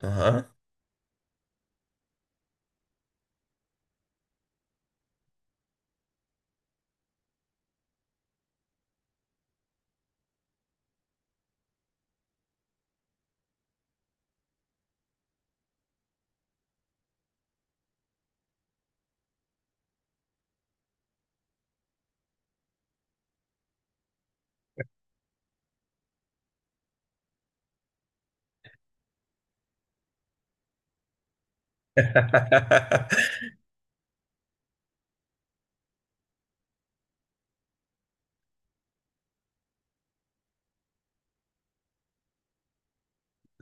Ajá.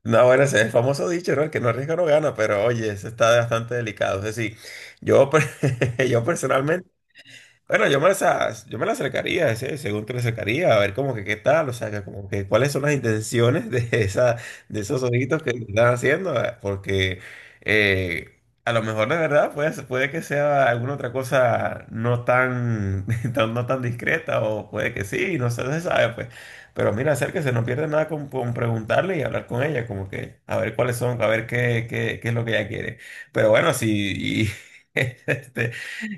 No, bueno, ese es el famoso dicho, ¿no? El que no arriesga no gana, pero oye, eso está bastante delicado. Es decir, yo, per- yo personalmente. Bueno, yo me las, as- yo me las acercaría, ese- según te la acercaría, a ver como que qué tal, o sea, que como que cuáles son las intenciones de esa, de esos ojitos que le están haciendo, porque a lo mejor de verdad puede, ser- puede que sea alguna otra cosa no tan, tan- no tan discreta, o puede que sí, no sé, se sabe, pues. Pero mira, acérquese, no pierde nada con, con preguntarle y hablar con ella, como que a ver cuáles son, a ver qué, qué es lo que ella quiere. Pero bueno, si... Este,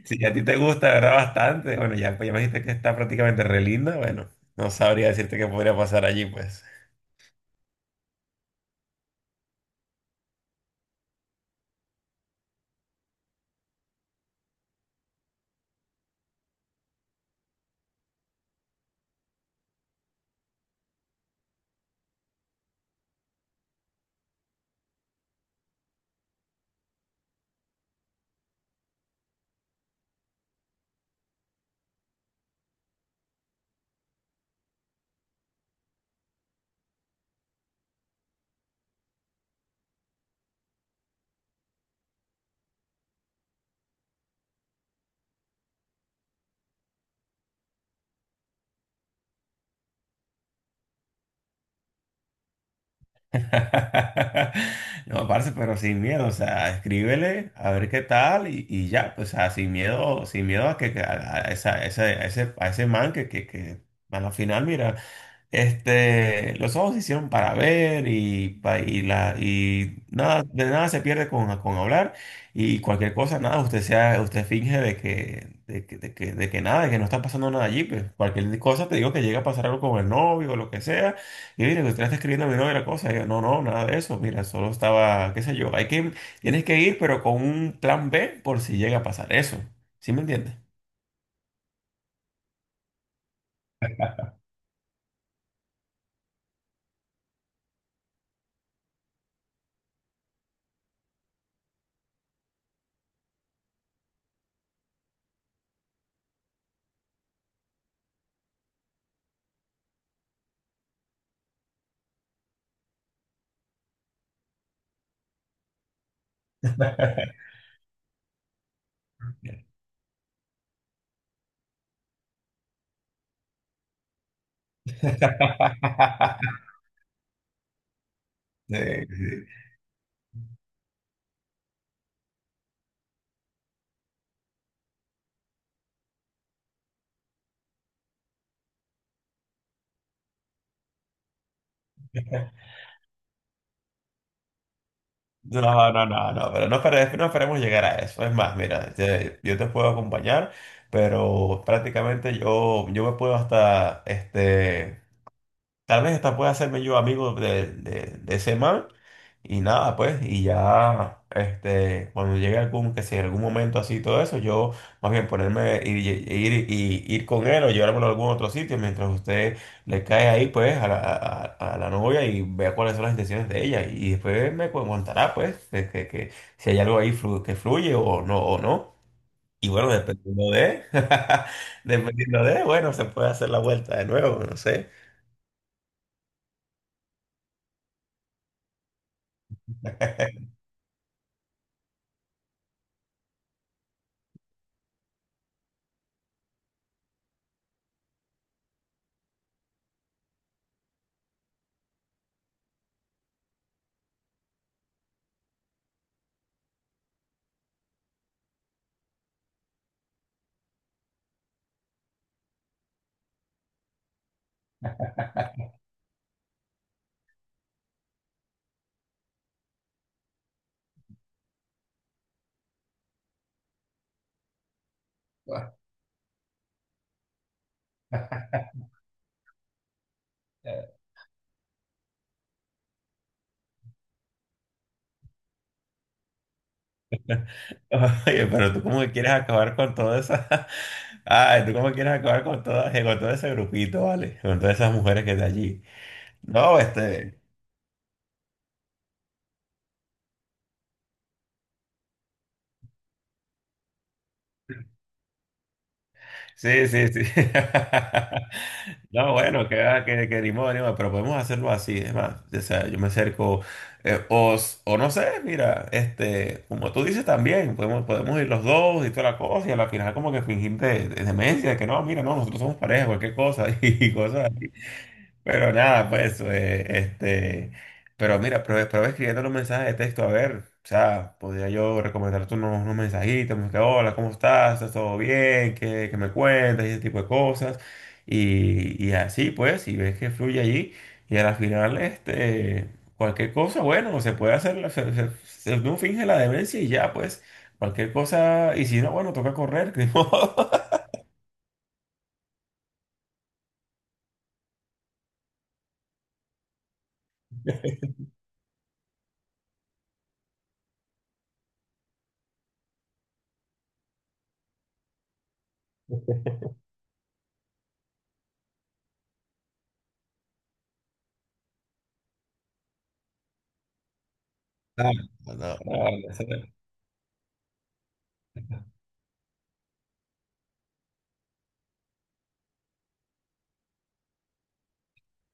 si a ti te gusta, ¿verdad? Bastante. Bueno, ya, pues ya me dijiste que está prácticamente re linda. Bueno, no sabría decirte qué podría pasar allí, pues. No, parce, pero sin miedo, o sea, escríbele a ver qué tal y ya, pues, o sea, sin miedo, sin miedo a que a esa- ese a ese, a ese man que a la final, mira. Este, los ojos se hicieron para ver y, pa- y, la, y nada, de nada se pierde con hablar y cualquier cosa, nada, usted sea, usted finge de que nada, de que no está pasando nada allí, pues cualquier cosa te digo que llega a pasar algo con el novio o lo que sea, y mire, que usted le está escribiendo a mi novio la cosa, y yo, no, no, nada de eso, mira, solo estaba, qué sé yo, hay que, tienes que ir, pero con un plan B por si llega a pasar eso, ¿sí me entiendes? Sí, sí. No, no, pero no, espere- no esperemos llegar a eso. Es más, mira, te- yo te puedo acompañar, pero prácticamente yo, yo me puedo hasta este, tal vez esta pueda hacerme yo amigo de de ese man y nada, pues, y ya, este, cuando llegue algún, que si en algún momento así todo eso, yo más bien ponerme, ir, y- ir, y- ir con él o llevármelo a algún otro sitio mientras usted le cae ahí, pues, a la novia y vea cuáles son las intenciones de ella y después me cu- contará, pues, que si hay algo ahí flu- que fluye o no, o no. Y bueno, dependiendo de, dependiendo de, bueno, se puede hacer la vuelta de nuevo, no sé. Oye, pero tú como que quieres acabar con toda esa... Ay, tú como que quieres acabar con toda, con todo ese grupito, ¿vale? Con todas esas mujeres que de allí. No, este... Sí, sí, sí. No, bueno, que, va, que ni modo, ni modo, pero podemos hacerlo así, es más. O sea, yo me acerco, o, s- o no sé, mira, este, como tú dices también, podemos ir los dos y toda la cosa, y a la final como que fingir de demencia, que no, mira, no, nosotros somos pareja, cualquier cosa, y cosas. Pero nada, pues, este, pero mira, prueba, prueba escribiendo los mensajes de texto, a ver, o sea, podría yo recomendarte unos, unos mensajitos, como que, hola, ¿cómo estás? ¿Estás todo bien? ¿Qué me cuentas? Y ese tipo de cosas, y así, pues, si ves que fluye allí, y a la final, este, cualquier cosa, bueno, se puede hacer, la- se- se- uno finge la demencia y ya, pues, cualquier cosa, y si no, bueno, toca correr, que ni modo. Ah, no. Ah, no.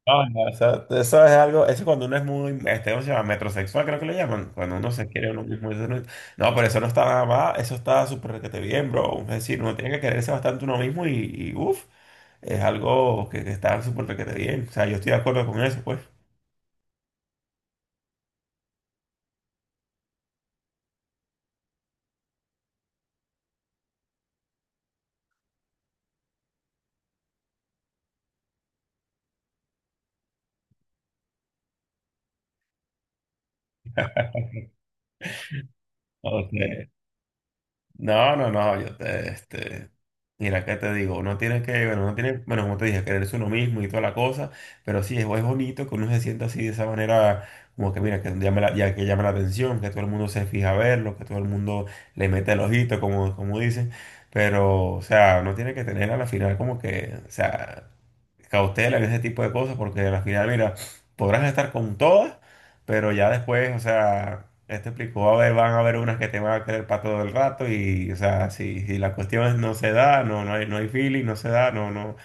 No, no, eso es algo, eso cuando uno es muy, este, ¿cómo se llama? Metrosexual, creo que le llaman, cuando uno se quiere uno mismo, eso no, no, pero eso no está nada más, eso está súper requete bien, bro, es decir, uno tiene que quererse bastante uno mismo y uff, es algo que está súper requete bien, o sea, yo estoy de acuerdo con eso, pues. Ok. No, yo te, este, mira, ¿qué te digo? Uno tiene que, bueno, uno tiene, bueno, como te dije, quererse uno mismo y toda la cosa, pero sí, es bonito que uno se sienta así de esa manera, como que mira, que llame la, ya que llama la atención, que todo el mundo se fija a verlo, que todo el mundo le mete el ojito, como, como dicen, pero, o sea, uno tiene que tener a la final como que, o sea, cautela en ese tipo de cosas, porque a la final, mira, podrás estar con todas. Pero ya después, o sea, él te explicó, a ver, van a haber unas que te van a querer para todo el rato y, o sea, si, si la cuestión no se da, no, no hay, no hay feeling, no se da, no, no,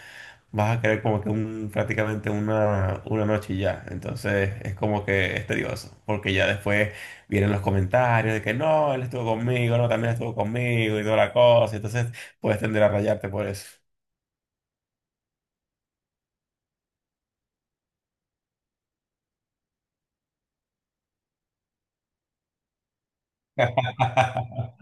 vas a querer como que un, prácticamente una noche y ya. Entonces es como que es tedioso, porque ya después vienen los comentarios de que no, él estuvo conmigo, no, también estuvo conmigo y toda la cosa. Entonces puedes tender a rayarte por eso.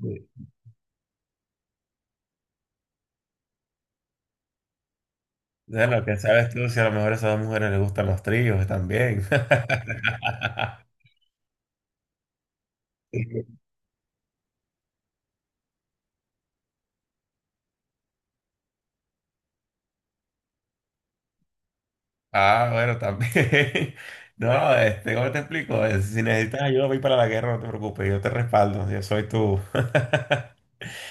Sí. De lo que sabes tú, si a lo mejor a esas dos mujeres les gustan los tríos también. Ah, bueno, también. No, este, ¿cómo te explico? Si necesitas ayuda voy para la guerra, no te preocupes, yo te respaldo, yo soy tú,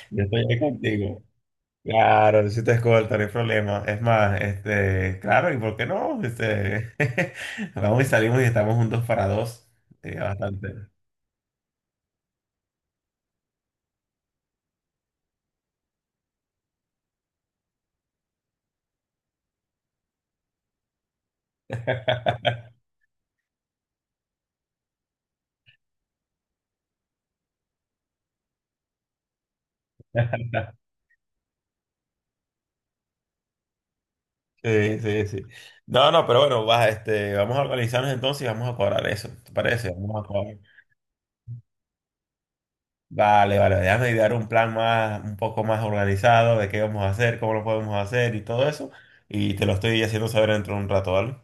yo estoy ahí contigo. Claro, si te escolta, no hay problema. Es más, este, claro, ¿y por qué no? Este, vamos y salimos y estamos juntos para dos. Sí, bastante. Sí, sí, sí. No, no, pero bueno, va, este, vamos a organizarnos entonces y vamos a cobrar eso. ¿Te parece? Vamos a cobrar. Vale, vale, déjame idear un plan más, un poco más organizado de qué vamos a hacer, cómo lo podemos hacer y todo eso. Y te lo estoy haciendo saber dentro de un rato, ¿vale?